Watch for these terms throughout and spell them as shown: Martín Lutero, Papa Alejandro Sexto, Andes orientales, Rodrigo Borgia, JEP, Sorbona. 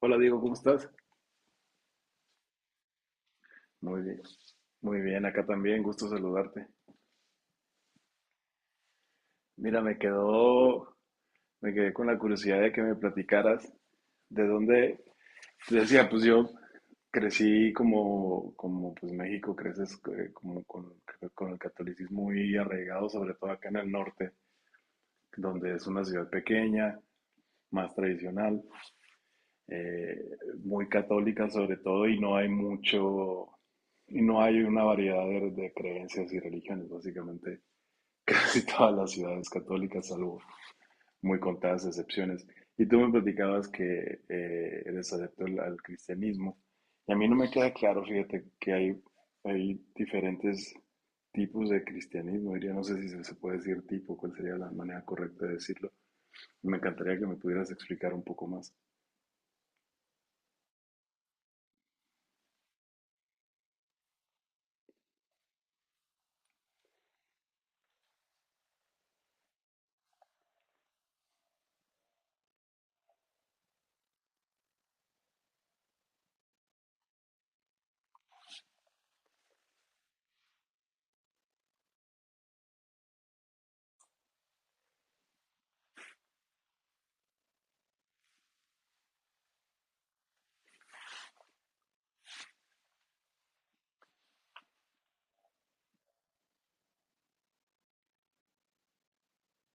Hola Diego, ¿cómo estás? Muy bien, muy bien, acá también, gusto saludarte. Mira, me quedé con la curiosidad de que me platicaras de dónde, decía, pues yo crecí como pues México, creces como con el catolicismo muy arraigado, sobre todo acá en el norte, donde es una ciudad pequeña, más tradicional, eh, muy católica sobre todo, y no hay mucho, y no hay una variedad de creencias y religiones, básicamente casi todas las ciudades católicas, salvo muy contadas excepciones. Y tú me platicabas que eres adepto al cristianismo. Y a mí no me queda claro, fíjate, que hay diferentes tipos de cristianismo. Diría, no sé si se puede decir tipo, cuál sería la manera correcta de decirlo. Me encantaría que me pudieras explicar un poco más.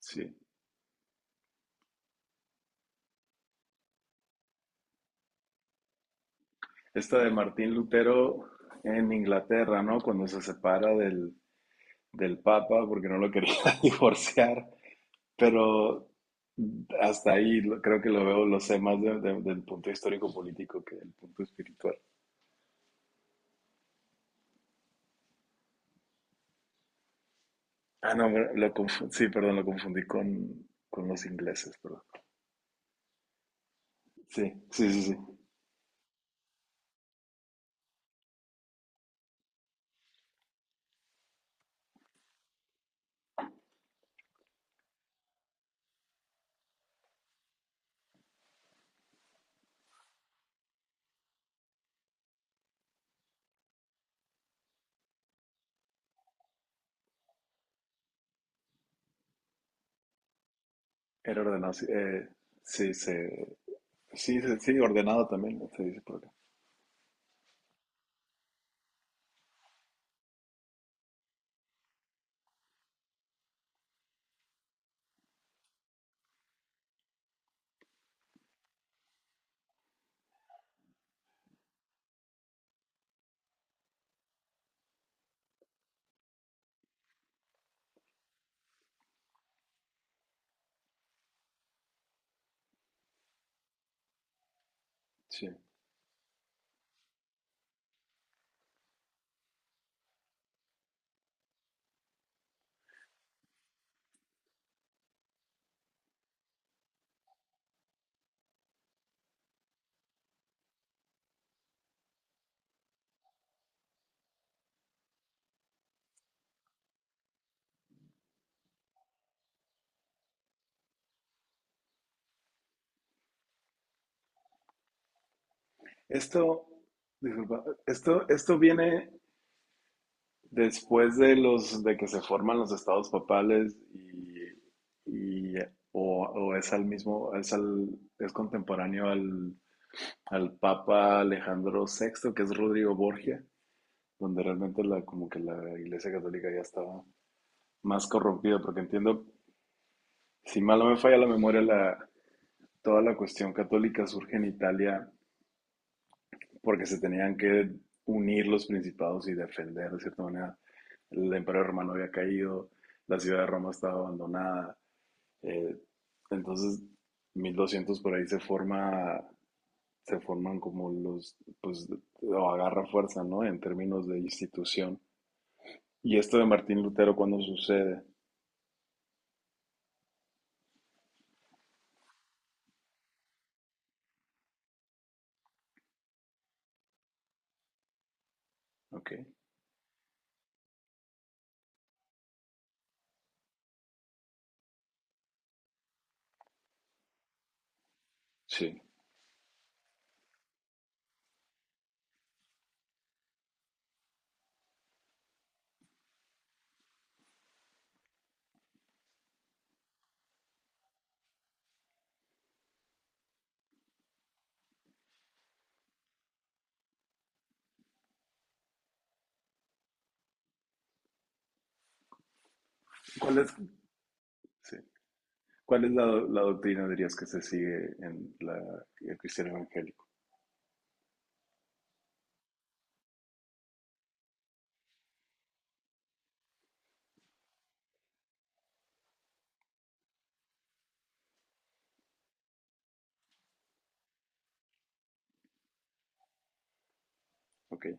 Sí. Esta de Martín Lutero en Inglaterra, ¿no? Cuando se separa del Papa porque no lo quería divorciar. Pero hasta ahí creo que lo veo, lo sé más del punto histórico político que del punto espiritual. Ah, no, sí, perdón, lo confundí con los ingleses, perdón. Sí, sí, sí, sí. Era ordenado, sí, sí, sí, sí, ordenado también, se dice por acá. Sí. Esto, disculpa, esto viene después de los de que se forman los estados papales, y- o es contemporáneo al Papa Alejandro VI, que es Rodrigo Borgia, donde realmente como que la Iglesia Católica ya estaba más corrompida, porque entiendo, si mal no me falla la memoria, toda la cuestión católica surge en Italia porque se tenían que unir los principados y defender de cierta manera. El imperio romano había caído, la ciudad de Roma estaba abandonada. Eh, entonces, 1200 por ahí se forma, se forman como los, pues, o agarra fuerza, ¿no? En términos de institución. ¿Y esto de Martín Lutero cuándo sucede? Ok, sí. ¿Cuál es, sí. ¿Cuál es la doctrina, dirías, que se sigue en el cristiano evangélico? Okay.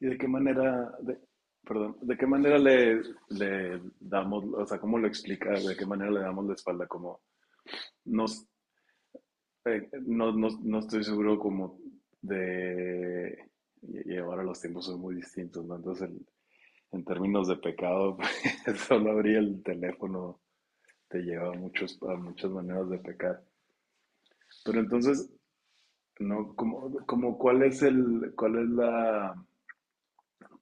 ¿Y de qué manera, perdón, de qué manera le damos, o sea, cómo lo explicas, de qué manera le damos la espalda? Como, no, no, no, no estoy seguro como de, y ahora los tiempos son muy distintos, ¿no? Entonces, en términos de pecado, pues, solo abrir el teléfono te lleva a muchas maneras de pecar. Pero entonces, ¿no? Como cuál es el, cuál es la,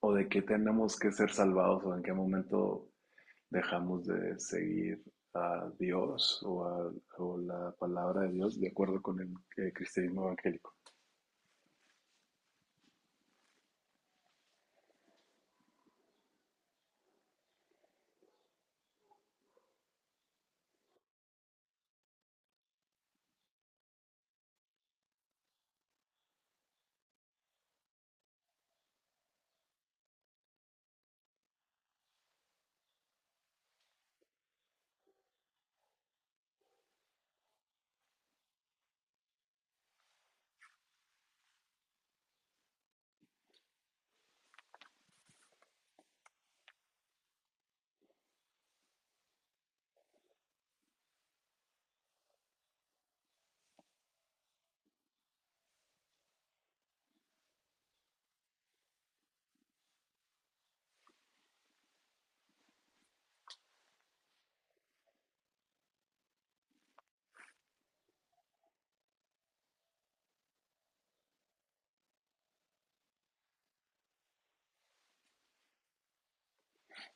o de qué tenemos que ser salvados, o en qué momento dejamos de seguir a Dios o la palabra de Dios de acuerdo con el, cristianismo evangélico.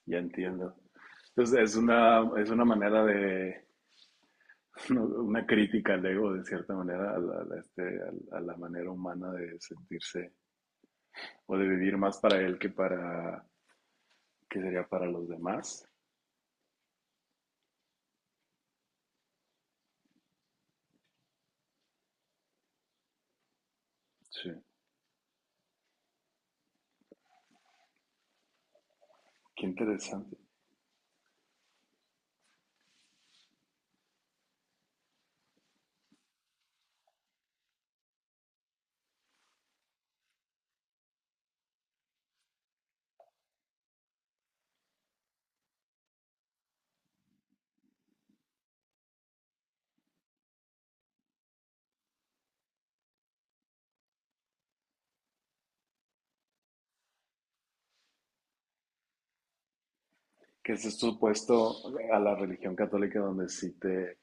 Ya entiendo. Entonces es una manera de, ¿no? Una crítica al ego de cierta manera, a este, a la manera humana de sentirse o de vivir más para él que para, que sería para los demás. Sí, qué interesante. Que es esto opuesto a la religión católica donde sí te.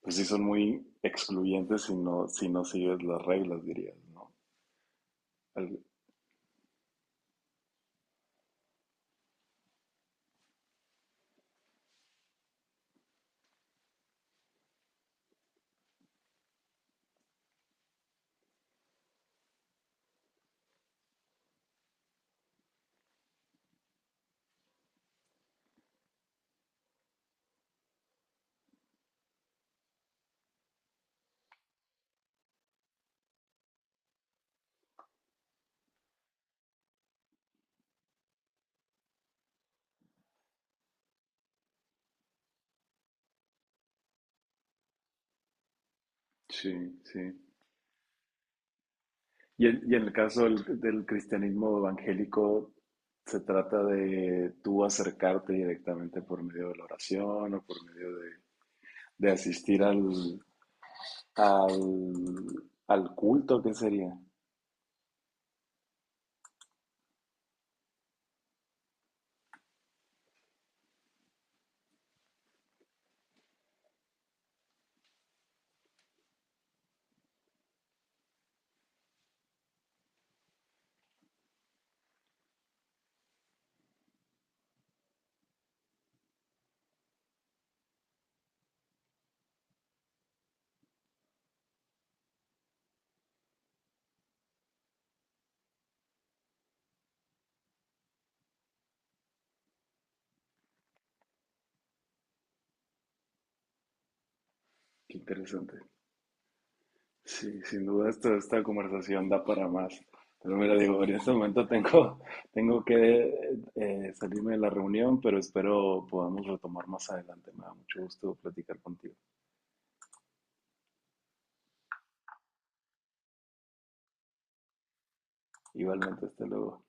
Pues sí, son muy excluyentes si no, sigues las reglas, dirías, ¿no? El- sí, sí. Y en el caso del cristianismo evangélico, se trata de tú acercarte directamente por medio de la oración o por medio de asistir al, al culto, ¿qué sería? Qué interesante. Sí, sin duda esta conversación da para más. Pero mira, digo, en este momento tengo, tengo que salirme de la reunión, pero espero podamos retomar más adelante. Me da mucho gusto platicar contigo. Igualmente, hasta luego.